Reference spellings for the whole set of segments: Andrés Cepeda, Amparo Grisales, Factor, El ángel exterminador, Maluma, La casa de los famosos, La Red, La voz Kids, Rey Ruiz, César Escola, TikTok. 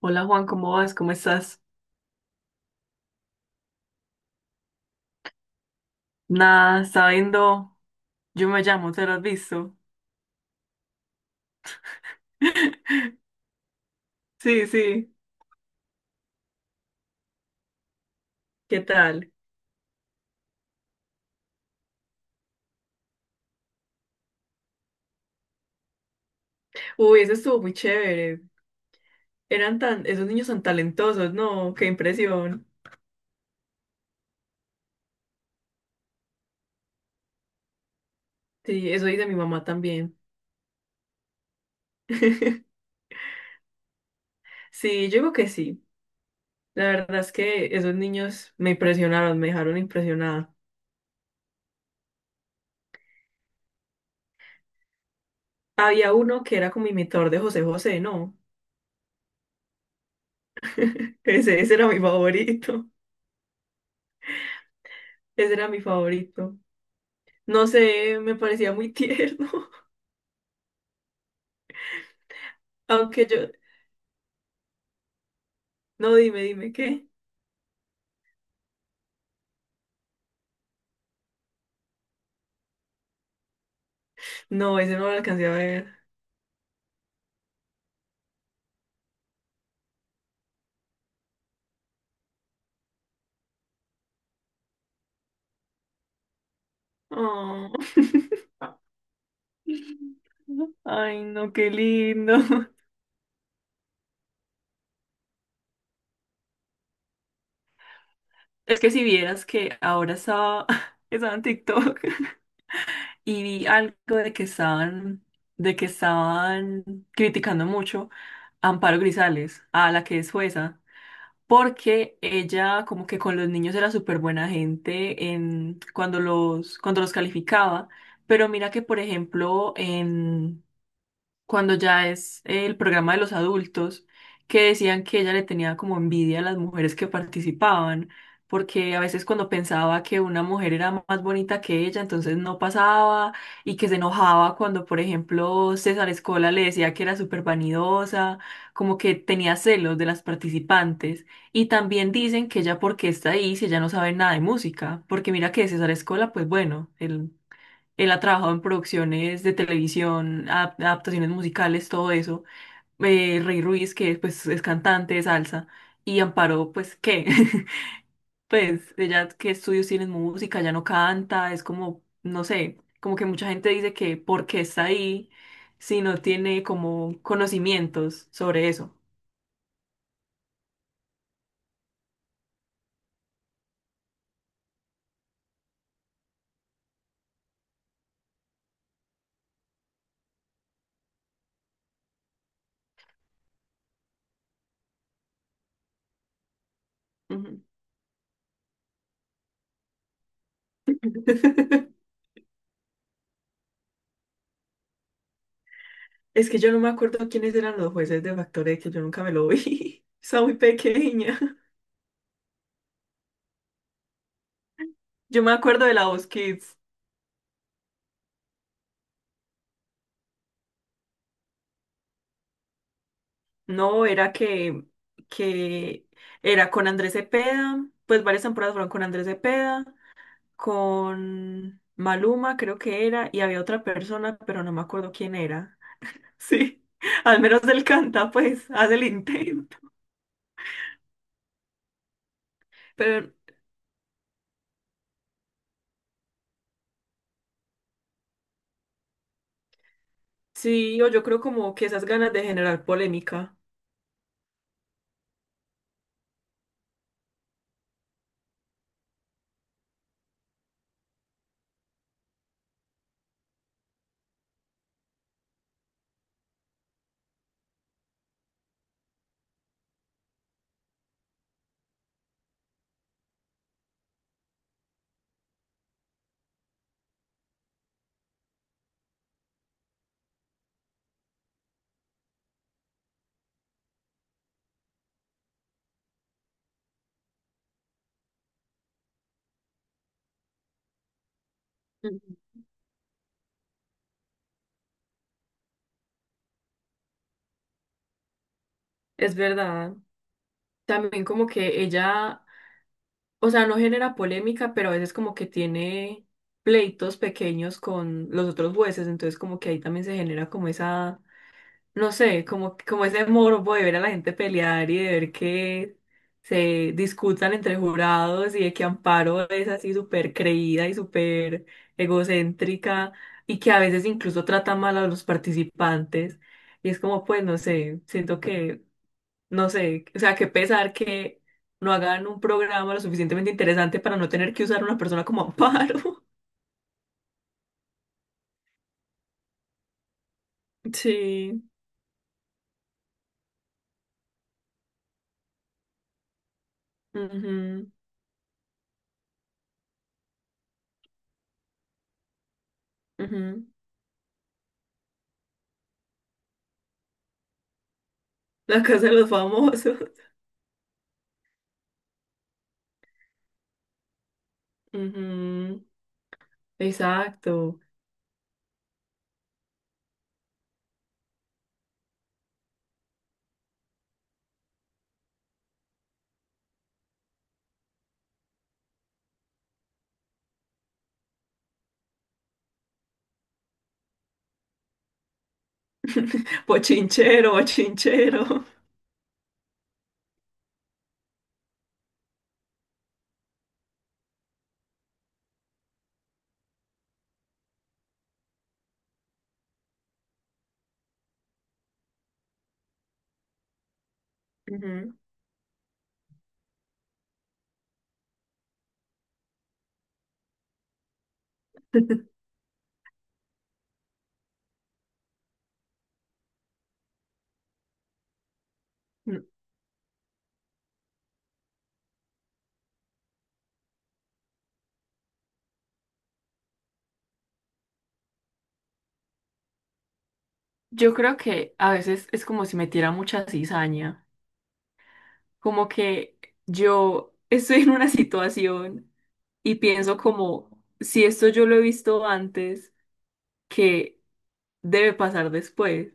Hola Juan, ¿cómo vas? ¿Cómo estás? Nada, está viendo. Yo me llamo, ¿te lo has visto? Sí, sí. ¿Qué tal? Uy, eso estuvo muy chévere. Esos niños son talentosos, ¿no? Qué impresión. Sí, eso dice mi mamá también. Sí, yo digo que sí. La verdad es que esos niños me impresionaron, me dejaron impresionada. Había uno que era como imitador de José José, ¿no? Ese era mi favorito. Ese era mi favorito. No sé, me parecía muy tierno. Aunque yo, no, dime, dime, ¿qué? No, ese no lo alcancé a ver. Oh. Ay, no, qué lindo. Es que si vieras que ahora estaba, estaba en TikTok y vi algo de que estaban criticando mucho a Amparo Grisales, a la que es jueza, porque ella como que con los niños era súper buena gente en, cuando los calificaba, pero mira que por ejemplo cuando ya es el programa de los adultos, que decían que ella le tenía como envidia a las mujeres que participaban, porque a veces cuando pensaba que una mujer era más bonita que ella, entonces no pasaba y que se enojaba cuando, por ejemplo, César Escola le decía que era súper vanidosa, como que tenía celos de las participantes. Y también dicen que ella porque está ahí si ella no sabe nada de música, porque mira que César Escola, pues bueno, él ha trabajado en producciones de televisión, adaptaciones musicales, todo eso. Rey Ruiz, que pues es cantante de salsa. Y Amparo, pues, ¿qué? Pues ella, ¿qué estudios tiene en música? Ya no canta, es como, no sé, como que mucha gente dice que ¿por qué está ahí si no tiene como conocimientos sobre eso? Ujú. Es que yo no me acuerdo quiénes eran los jueces de Factor que yo nunca me lo vi. Estaba muy pequeña. Yo me acuerdo de la voz Kids. No, era que era con Andrés Cepeda, pues varias temporadas fueron con Andrés Cepeda, con Maluma creo que era, y había otra persona, pero no me acuerdo quién era. Sí, al menos él canta, pues, hace el intento. Pero sí, o yo creo como que esas ganas de generar polémica. Ujú. Es verdad. También como que ella o sea, no genera polémica, pero a veces como que tiene pleitos pequeños con los otros jueces, entonces como que ahí también se genera como esa, no sé, como ese morbo de ver a la gente pelear y de ver que se discutan entre jurados y de que Amparo es así súper creída y súper egocéntrica y que a veces incluso trata mal a los participantes. Y es como, pues, no sé, siento que no sé, o sea, qué pesar que no hagan un programa lo suficientemente interesante para no tener que usar a una persona como amparo. Sí, ujú, ujú. La casa de los famosos. Ujú, exacto. Bochinchero, bochinchero. Ujú. N- Yo creo que a veces es como si metiera mucha cizaña, como que yo estoy en una situación y pienso como, si esto yo lo he visto antes, que debe pasar después.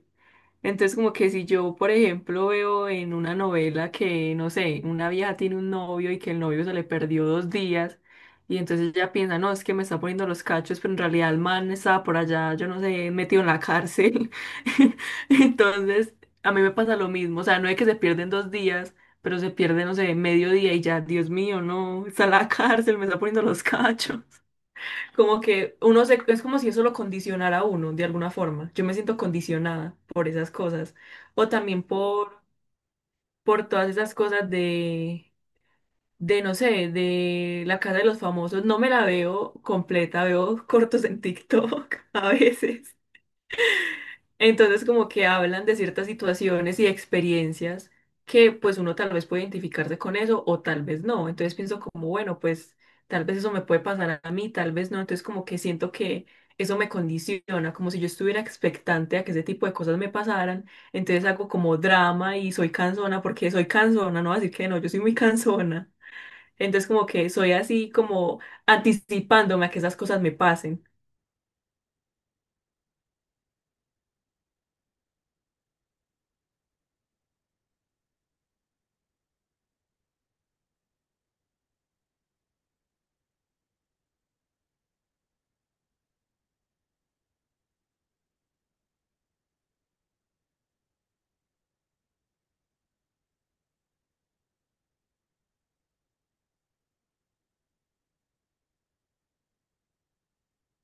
Entonces, como que si yo, por ejemplo, veo en una novela que, no sé, una vieja tiene un novio y que el novio se le perdió 2 días, y entonces ella piensa, no, es que me está poniendo los cachos, pero en realidad el man estaba por allá, yo no sé, metido en la cárcel. Entonces, a mí me pasa lo mismo, o sea, no es que se pierden 2 días, pero se pierde, no sé, medio día y ya, Dios mío, no, está en la cárcel, me está poniendo los cachos. Como que uno se, es como si eso lo condicionara a uno de alguna forma. Yo me siento condicionada por esas cosas. O también por todas esas cosas de, no sé, de la casa de los famosos. No me la veo completa, veo cortos en TikTok a veces. Entonces como que hablan de ciertas situaciones y experiencias que pues uno tal vez puede identificarse con eso o tal vez no. Entonces pienso como, bueno, pues tal vez eso me puede pasar a mí, tal vez no. Entonces como que siento que eso me condiciona, como si yo estuviera expectante a que ese tipo de cosas me pasaran. Entonces hago como drama y soy cansona porque soy cansona, no voy a decir que no, yo soy muy cansona. Entonces como que soy así como anticipándome a que esas cosas me pasen.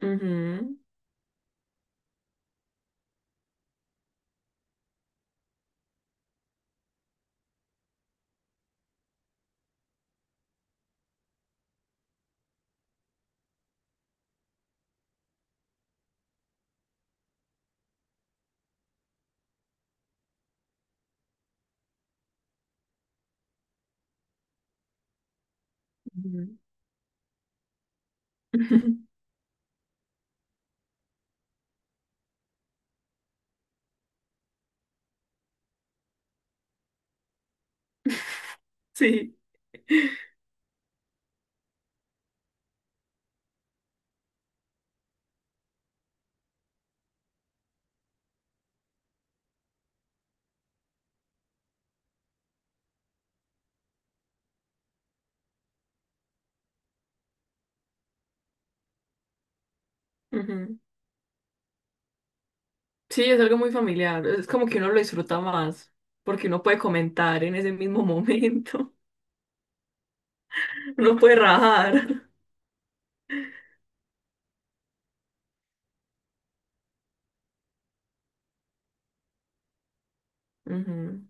Ujú, ujú. Sí. Ujú. Sí, es algo muy familiar. Es como que uno lo disfruta más, porque uno puede comentar en ese mismo momento. Uno puede rajar. Ujú,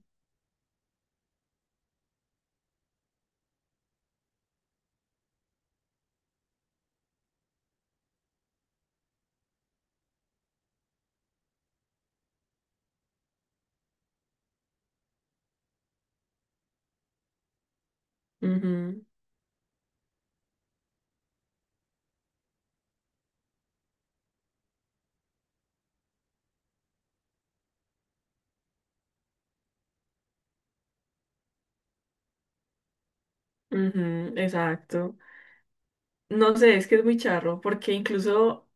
ujú, ujú, exacto. No sé, es que es muy charro, porque incluso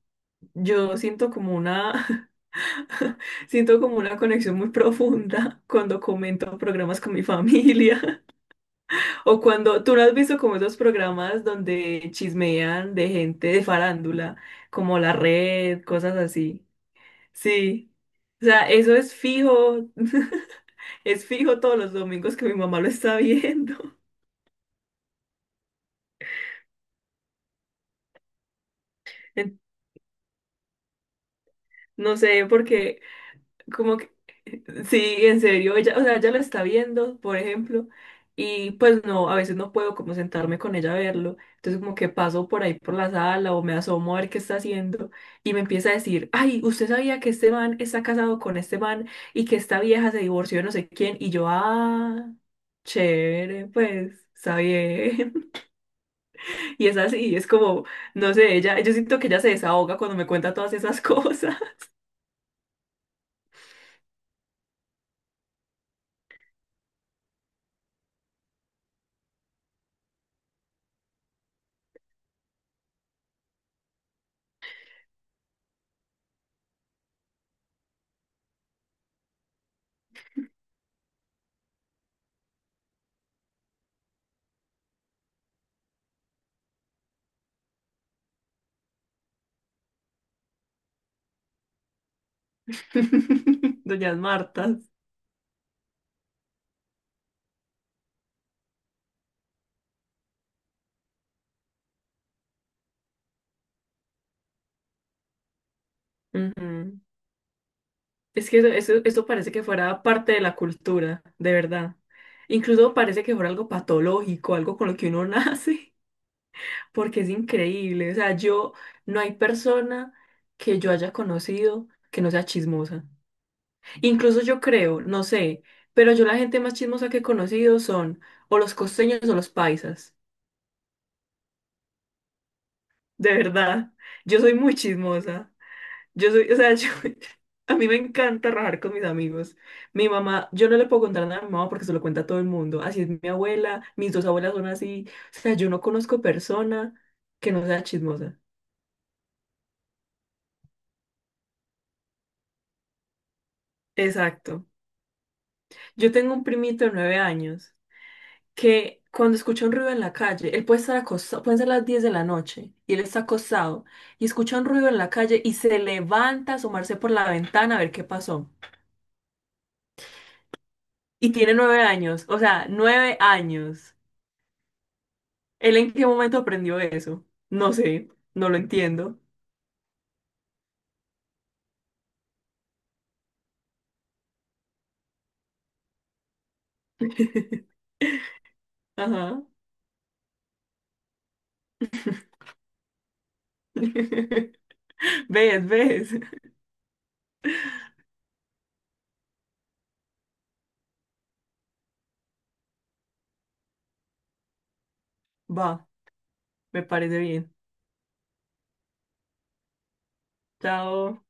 yo siento como una, siento como una conexión muy profunda cuando comento programas con mi familia. O cuando tú no has visto como esos programas donde chismean de gente de farándula, como La Red, cosas así. Sí. O sea, eso es fijo, es fijo todos los domingos que mi mamá lo está viendo. En- No sé, porque como que, sí, en serio, ella, o sea, ella lo está viendo, por ejemplo, y pues no, a veces no puedo como sentarme con ella a verlo. Entonces como que paso por ahí por la sala o me asomo a ver qué está haciendo y me empieza a decir, ay, usted sabía que este man está casado con este man y que esta vieja se divorció de no sé quién, y yo, ah, chévere, pues, está bien. Y es así, es como, no sé, ella, yo siento que ella se desahoga cuando me cuenta todas esas cosas. Doñas Martas. Ujú. Es que eso parece que fuera parte de la cultura, de verdad. Incluso parece que fuera algo patológico, algo con lo que uno nace, porque es increíble. O sea, yo, no hay persona que yo haya conocido que no sea chismosa. Incluso yo creo, no sé, pero yo la gente más chismosa que he conocido son o los costeños o los paisas. De verdad. Yo soy muy chismosa. Yo soy, o sea, a mí me encanta rajar con mis amigos. Mi mamá, yo no le puedo contar nada a mi mamá porque se lo cuenta a todo el mundo. Así es mi abuela, mis dos abuelas son así. O sea, yo no conozco persona que no sea chismosa. Exacto. Yo tengo un primito de 9 años que cuando escucha un ruido en la calle, él puede estar acostado, pueden ser las 10 de la noche y él está acostado y escucha un ruido en la calle y se levanta a asomarse por la ventana a ver qué pasó. Y tiene 9 años, o sea, 9 años. ¿Él en qué momento aprendió eso? No sé, no lo entiendo. Ajá. ¿Ves? ¿Ves? Va, me parece bien. Chao.